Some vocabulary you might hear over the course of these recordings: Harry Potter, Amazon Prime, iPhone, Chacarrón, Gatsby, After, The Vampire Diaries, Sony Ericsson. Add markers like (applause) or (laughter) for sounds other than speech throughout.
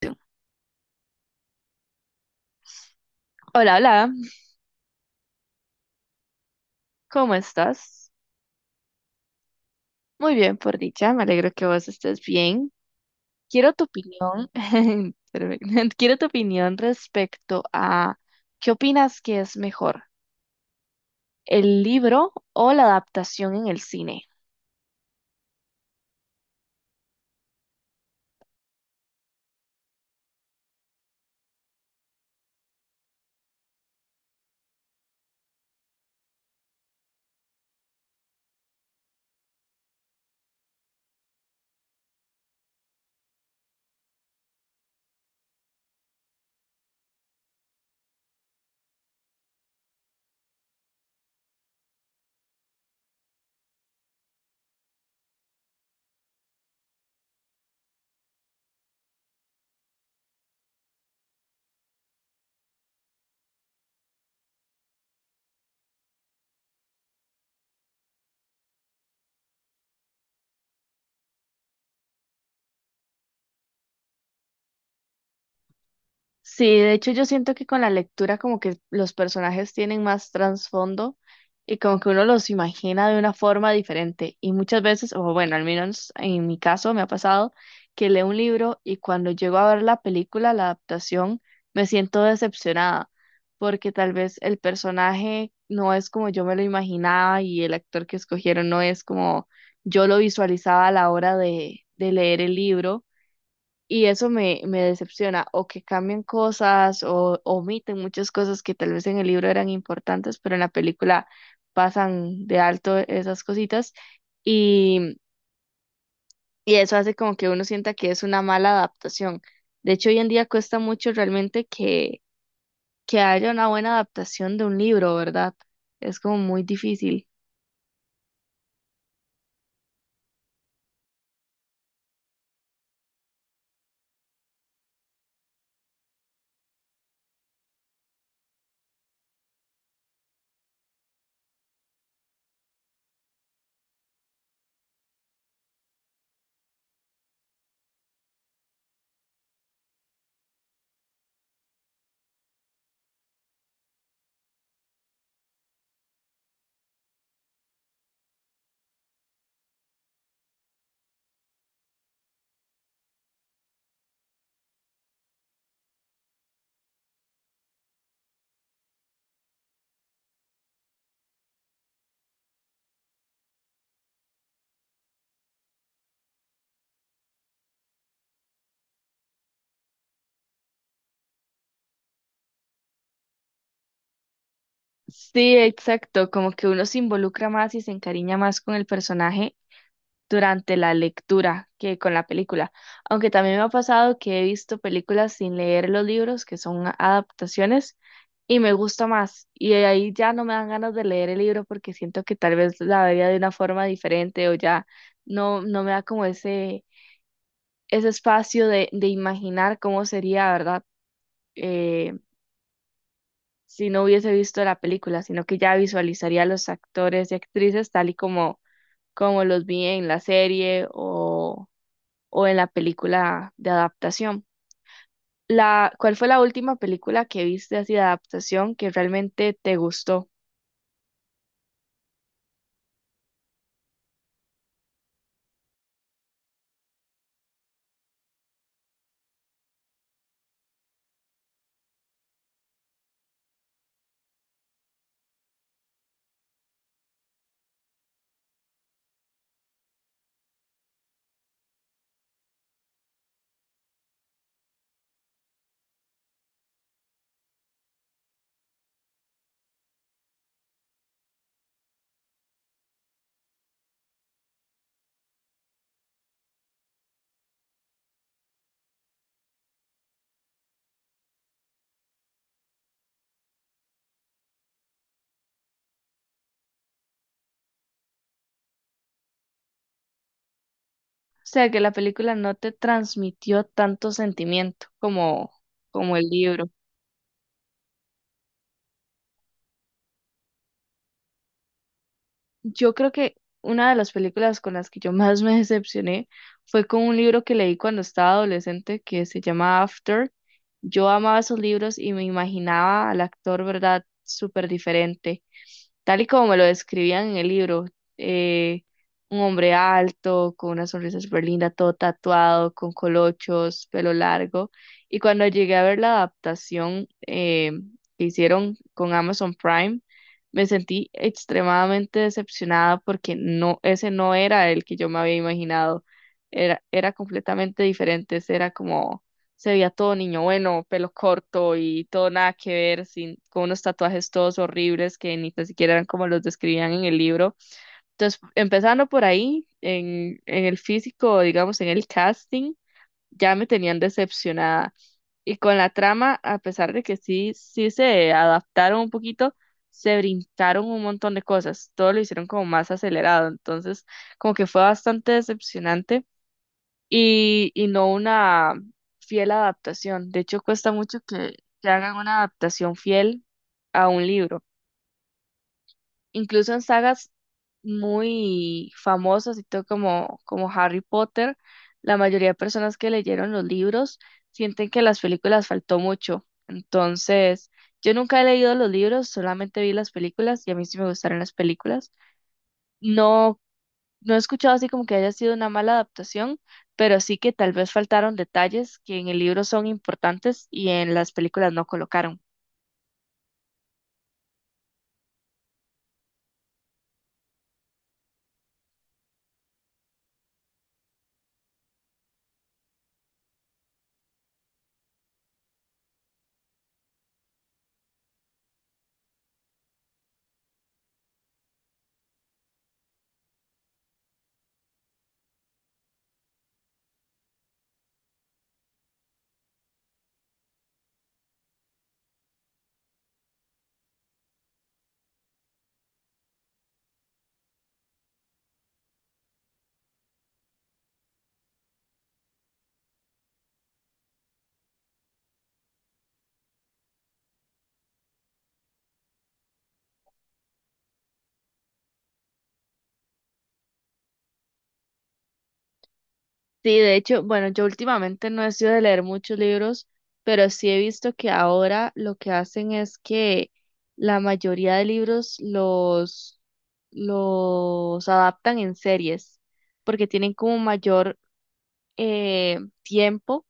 Tú. Hola, hola, ¿cómo estás? Muy bien, por dicha, me alegro que vos estés bien. Quiero tu opinión, (laughs) espérame, (laughs) quiero tu opinión respecto a qué opinas que es mejor, el libro o la adaptación en el cine. Sí, de hecho yo siento que con la lectura como que los personajes tienen más trasfondo y como que uno los imagina de una forma diferente. Y muchas veces, o bueno, al menos en mi caso me ha pasado que leo un libro y cuando llego a ver la película, la adaptación, me siento decepcionada porque tal vez el personaje no es como yo me lo imaginaba y el actor que escogieron no es como yo lo visualizaba a la hora de leer el libro. Y eso me decepciona, o que cambian cosas, o omiten muchas cosas que tal vez en el libro eran importantes, pero en la película pasan de alto esas cositas, y, y eso hace como que uno sienta que es una mala adaptación. De hecho, hoy en día cuesta mucho realmente que haya una buena adaptación de un libro, ¿verdad? Es como muy difícil. Sí, exacto, como que uno se involucra más y se encariña más con el personaje durante la lectura que con la película. Aunque también me ha pasado que he visto películas sin leer los libros, que son adaptaciones, y me gusta más. Y ahí ya no me dan ganas de leer el libro porque siento que tal vez la vería de una forma diferente o ya no me da como ese espacio de imaginar cómo sería, ¿verdad? Eh, si no hubiese visto la película, sino que ya visualizaría a los actores y actrices tal y como, como los vi en la serie o en la película de adaptación. ¿Cuál fue la última película que viste así de adaptación que realmente te gustó? O sea, que la película no te transmitió tanto sentimiento como el libro. Yo creo que una de las películas con las que yo más me decepcioné fue con un libro que leí cuando estaba adolescente que se llama After. Yo amaba esos libros y me imaginaba al actor, ¿verdad? Súper diferente tal y como me lo describían en el libro, eh, un hombre alto, con una sonrisa súper linda, todo tatuado, con colochos, pelo largo. Y cuando llegué a ver la adaptación que hicieron con Amazon Prime, me sentí extremadamente decepcionada porque no, ese no era el que yo me había imaginado. Era completamente diferente, ese era como se veía todo niño bueno, pelo corto y todo nada que ver, sin, con unos tatuajes todos horribles que ni tan siquiera eran como los describían en el libro. Entonces, empezando por ahí, en el físico, digamos, en el casting, ya me tenían decepcionada. Y con la trama, a pesar de que sí, sí se adaptaron un poquito, se brincaron un montón de cosas, todo lo hicieron como más acelerado, entonces como que fue bastante decepcionante y no una fiel adaptación. De hecho, cuesta mucho que hagan una adaptación fiel a un libro. Incluso en sagas muy famosas y todo como, como Harry Potter, la mayoría de personas que leyeron los libros sienten que las películas faltó mucho. Entonces, yo nunca he leído los libros, solamente vi las películas y a mí sí me gustaron las películas. No no he escuchado así como que haya sido una mala adaptación, pero sí que tal vez faltaron detalles que en el libro son importantes y en las películas no colocaron. Sí, de hecho, bueno, yo últimamente no he sido de leer muchos libros, pero sí he visto que ahora lo que hacen es que la mayoría de libros los adaptan en series, porque tienen como mayor tiempo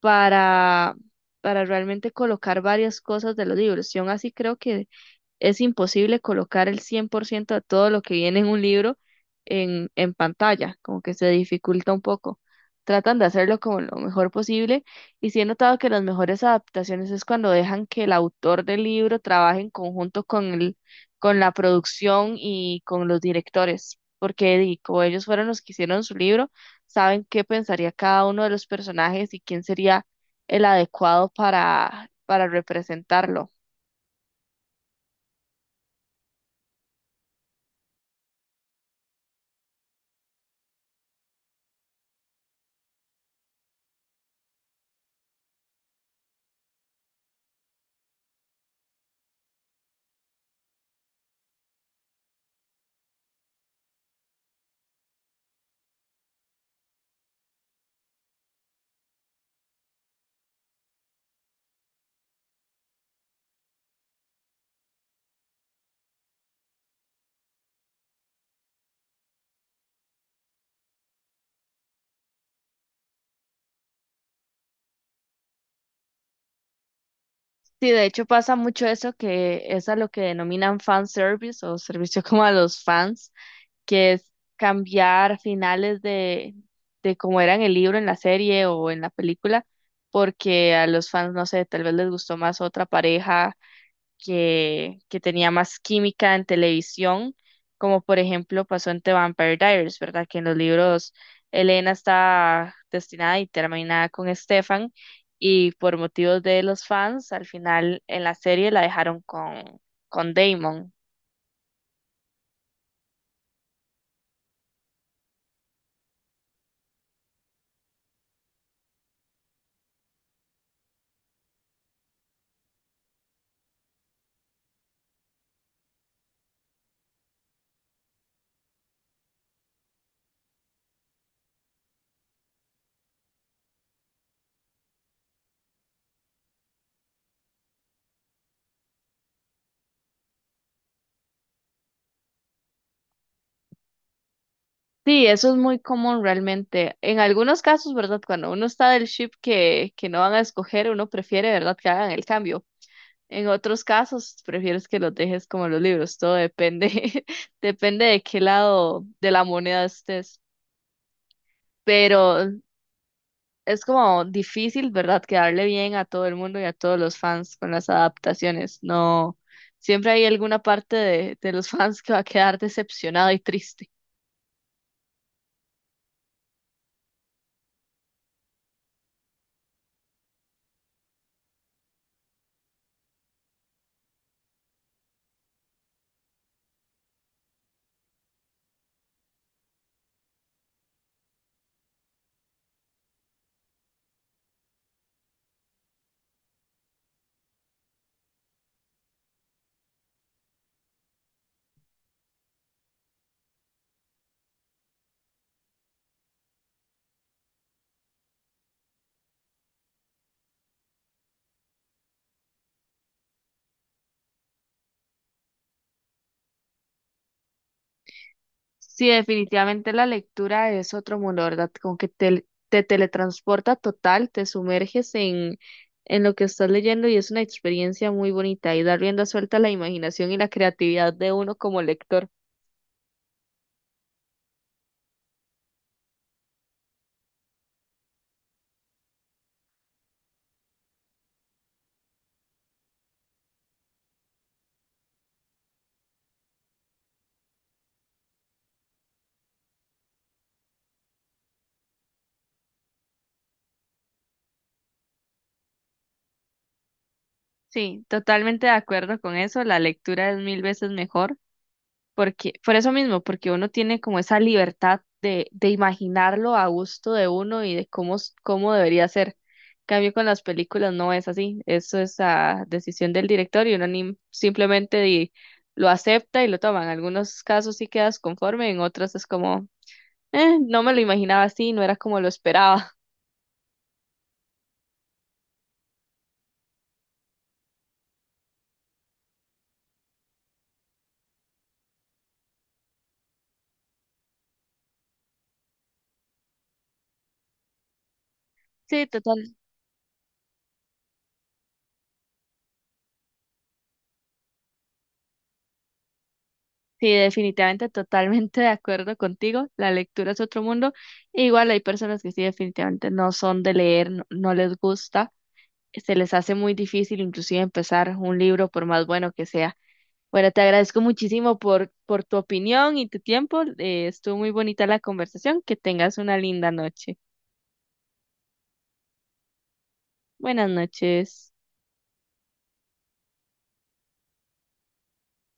para, para realmente colocar varias cosas de los libros. Y aún así creo que es imposible colocar el 100% de todo lo que viene en un libro en pantalla, como que se dificulta un poco. Tratan de hacerlo como lo mejor posible y sí he notado que las mejores adaptaciones es cuando dejan que el autor del libro trabaje en conjunto con el, con la producción y con los directores, porque di, como ellos fueron los que hicieron su libro, saben qué pensaría cada uno de los personajes y quién sería el adecuado para representarlo. Sí, de hecho pasa mucho eso que es a lo que denominan fan service o servicio (laughs) como a los fans, que es cambiar finales de cómo era en el libro, en la serie o en la película, porque a los fans, no sé, tal vez les gustó más otra pareja que tenía más química en televisión, como por ejemplo pasó en The Vampire Diaries, ¿verdad? Que en los libros Elena está destinada y terminada con Stefan y por motivos de los fans, al final en la serie la dejaron con Damon. Sí, eso es muy común realmente. En algunos casos, ¿verdad? Cuando uno está del ship que no van a escoger, uno prefiere, ¿verdad? Que hagan el cambio. En otros casos, prefieres que los dejes como los libros, todo depende, (laughs) depende de qué lado de la moneda estés. Pero es como difícil, ¿verdad? Quedarle bien a todo el mundo y a todos los fans con las adaptaciones. No, siempre hay alguna parte de los (laughs) fans que va a quedar decepcionada y triste. Sí, definitivamente la lectura es otro mundo, ¿verdad? Como que te teletransporta total, te sumerges en lo que estás leyendo y es una experiencia muy bonita y da rienda suelta a la imaginación y la creatividad de uno como lector. Sí, totalmente de acuerdo con eso, la lectura es mil veces mejor. Porque, por eso mismo, porque uno tiene como esa libertad de imaginarlo a gusto de uno y de cómo, cómo debería ser. En cambio, con las películas no es así. Eso es a decisión del director y uno simplemente lo acepta y lo toma. En algunos casos sí quedas conforme, en otros es como, No me lo imaginaba así, no era como lo esperaba". (laughs) Sí, total. Sí, definitivamente, totalmente de acuerdo contigo. La lectura es otro mundo. Igual hay personas que sí, definitivamente no son de leer, no les gusta. Se les hace muy difícil inclusive empezar un libro por más bueno que sea. Bueno, te agradezco muchísimo por tu opinión y tu tiempo. Estuvo muy bonita la conversación. Que tengas una linda noche. Buenas noches.